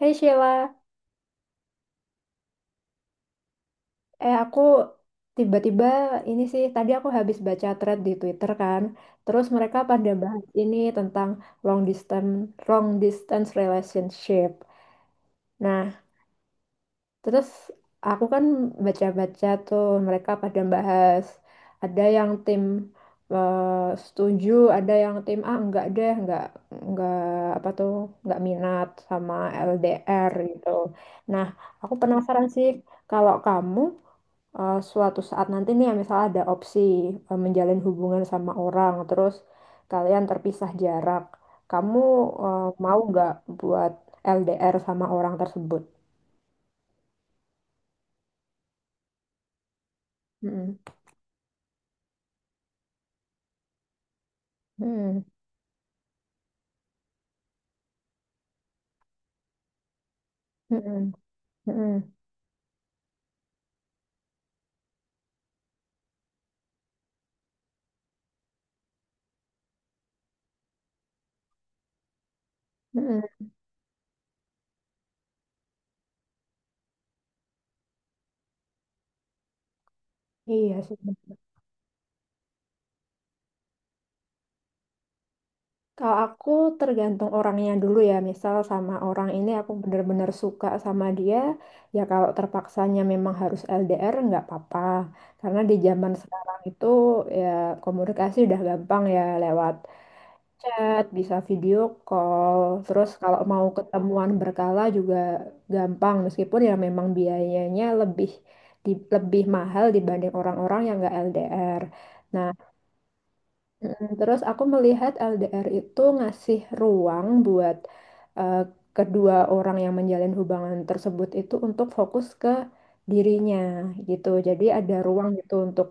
Hey Sheila, aku tiba-tiba ini sih tadi aku habis baca thread di Twitter kan, terus mereka pada bahas ini tentang long distance long distance relationship. Nah, terus aku kan baca-baca tuh mereka pada bahas ada yang tim eh, setuju, ada yang tim ah enggak deh, enggak apa tuh, enggak minat sama LDR gitu. Nah, aku penasaran sih kalau kamu suatu saat nanti nih ya, misalnya ada opsi menjalin hubungan sama orang terus kalian terpisah jarak kamu mau nggak buat LDR sama orang tersebut. Mm-mm, mm-mm, mm-mm, mm-mm, mm-mm. Iya sih. Kalau aku tergantung orangnya dulu ya, misal sama orang ini aku bener-bener suka sama dia, ya kalau terpaksanya memang harus LDR nggak apa-apa. Karena di zaman sekarang itu ya komunikasi udah gampang ya lewat chat, bisa video call, terus kalau mau ketemuan berkala juga gampang meskipun ya memang biayanya lebih lebih mahal dibanding orang-orang yang nggak LDR. Nah, mm, terus aku melihat LDR itu ngasih ruang buat eh, kedua orang yang menjalin hubungan tersebut itu untuk fokus ke dirinya gitu. Jadi ada ruang gitu untuk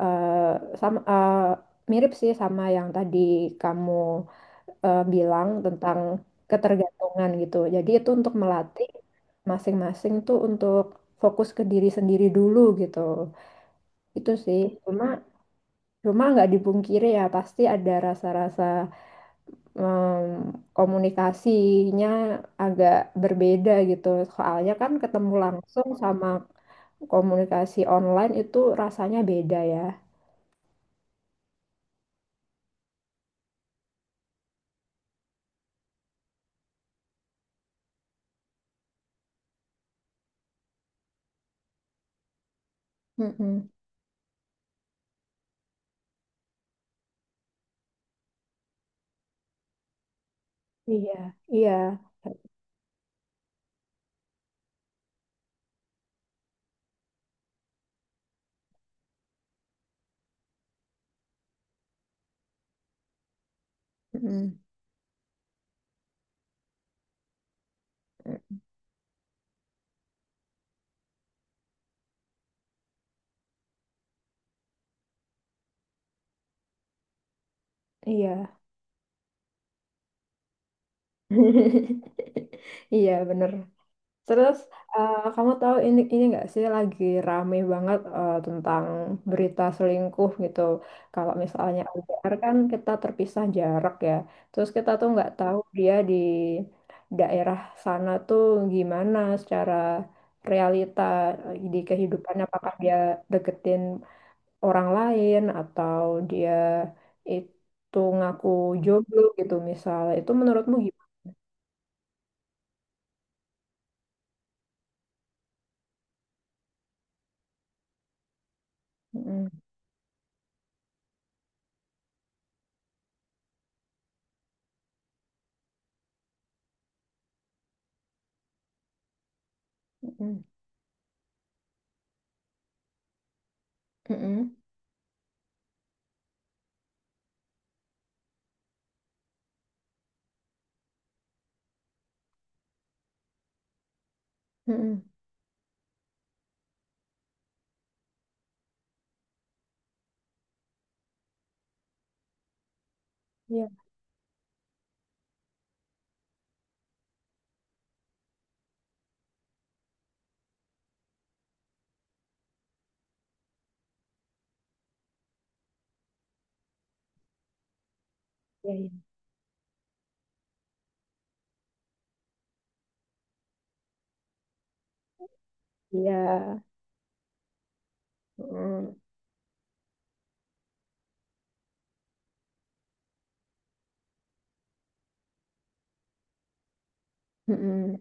eh, sama eh, mirip sih sama yang tadi kamu bilang tentang ketergantungan gitu. Jadi itu untuk melatih masing-masing tuh untuk fokus ke diri sendiri dulu gitu. Itu sih. Cuma Cuma nggak dipungkiri ya, pasti ada rasa-rasa em, komunikasinya agak berbeda gitu. Soalnya kan ketemu langsung sama komunikasi online itu rasanya beda ya. Mm-mm. Iya, iya, mm-mm. Iya. Iya, bener. Terus kamu tahu ini nggak sih lagi rame banget tentang berita selingkuh gitu. Kalau misalnya LDR kan kita terpisah jarak ya. Terus kita tuh nggak tahu dia di daerah sana tuh gimana secara realita di kehidupannya apakah dia deketin orang lain atau dia itu ngaku jomblo gitu misalnya. Itu menurutmu gimana? Mm-mm, mm-mm, mm-mm, mm-mm. Iya, iya. Iya. Mm, mm,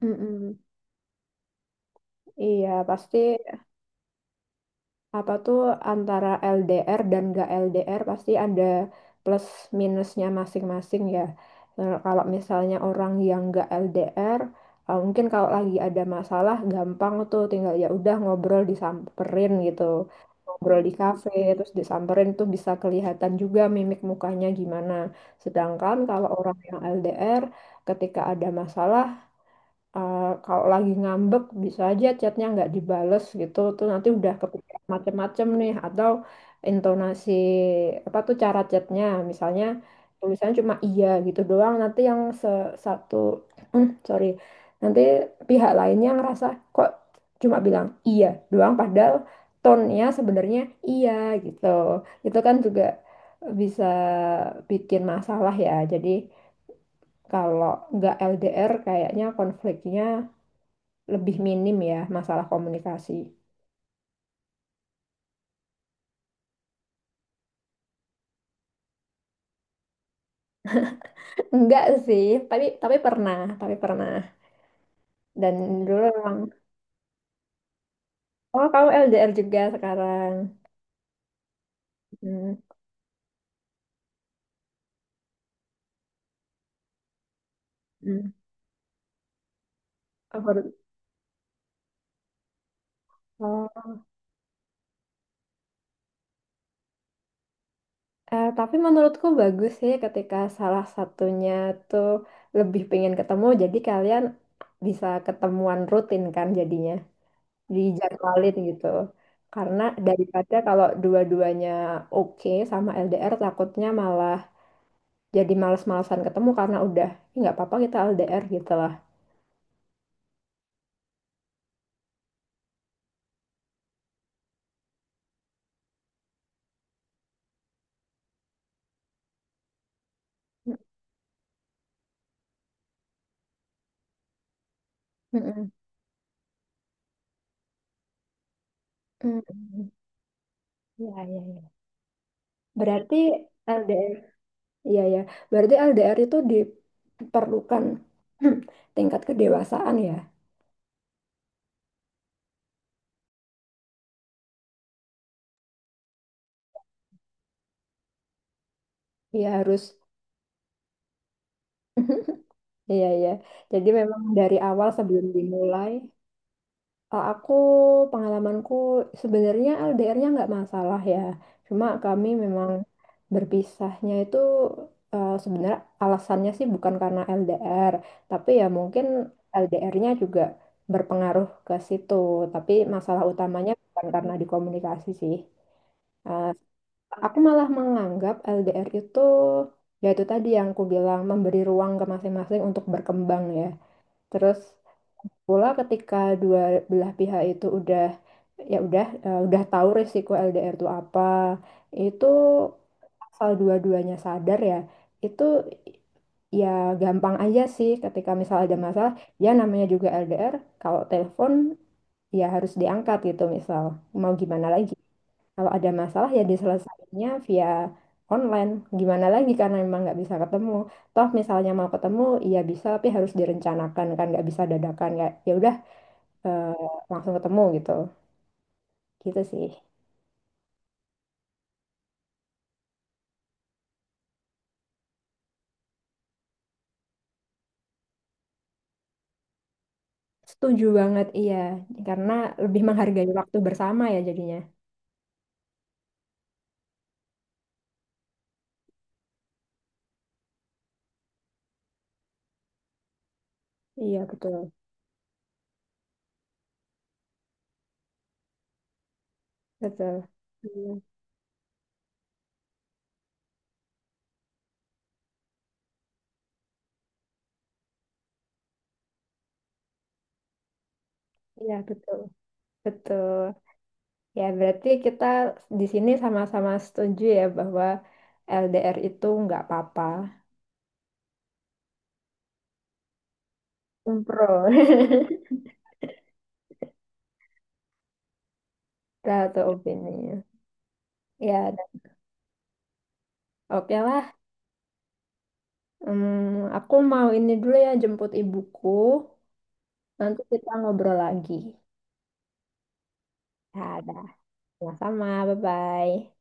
mm, mm. Iya, pasti apa tuh antara LDR dan gak LDR pasti ada plus minusnya masing-masing ya. Nah, kalau misalnya orang yang gak LDR, mungkin kalau lagi ada masalah gampang tuh tinggal ya udah ngobrol disamperin gitu. Ngobrol di kafe terus disamperin tuh bisa kelihatan juga mimik mukanya gimana. Sedangkan kalau orang yang LDR ketika ada masalah kalau lagi ngambek bisa aja chatnya nggak dibales gitu tuh nanti udah kepikiran macem-macem nih atau intonasi apa tuh cara chatnya misalnya tulisannya cuma iya gitu doang nanti yang satu sorry nanti pihak lainnya ngerasa kok cuma bilang iya doang padahal tone-nya sebenarnya iya gitu itu kan juga bisa bikin masalah ya jadi kalau nggak LDR kayaknya konfliknya lebih minim ya masalah komunikasi. Enggak sih, tapi pernah, tapi pernah. Dan dulu memang, oh kamu LDR juga sekarang. Hmm, hmm. Aku baru- oh. Eh, tapi menurutku bagus sih ketika salah satunya tuh lebih pengen ketemu, jadi kalian bisa ketemuan rutin kan jadinya, dijadwalin gitu. Karena daripada kalau dua-duanya oke sama LDR takutnya malah jadi males-malesan ketemu karena udah "Ih, nggak apa-apa kita LDR gitu lah." Mm-mm. Mm-mm. Ya, ya, ya. Berarti LDR, iya ya. Berarti LDR itu diperlukan tingkat kedewasaan ya. Ya harus. Iya, ya. Jadi memang dari awal sebelum dimulai. Eh, aku pengalamanku sebenarnya LDR-nya nggak masalah ya. Cuma kami memang berpisahnya itu sebenarnya alasannya sih bukan karena LDR, tapi ya mungkin LDR-nya juga berpengaruh ke situ. Tapi masalah utamanya bukan karena di komunikasi sih. Eh, aku malah menganggap LDR itu ya itu tadi yang aku bilang memberi ruang ke masing-masing untuk berkembang ya. Terus pula ketika dua belah pihak itu udah ya udah udah tahu risiko LDR itu apa, itu asal dua-duanya sadar ya, itu ya gampang aja sih ketika misal ada masalah ya namanya juga LDR kalau telepon ya harus diangkat gitu misal mau gimana lagi kalau ada masalah ya diselesaikannya via online gimana lagi karena memang nggak bisa ketemu toh misalnya mau ketemu ya bisa tapi harus direncanakan kan nggak bisa dadakan kayak ya udah eh, langsung ketemu gitu gitu sih. Setuju banget iya karena lebih menghargai waktu bersama ya jadinya. Iya betul. Betul. Iya, iya betul. Betul. Ya, berarti kita di sini sama-sama setuju ya bahwa LDR itu nggak apa-apa. Umpro. Lah opini. Ya, oke lah. Hmm, aku mau ini dulu ya jemput ibuku. Nanti kita ngobrol lagi. Ya, dah. Sama-sama. Bye-bye.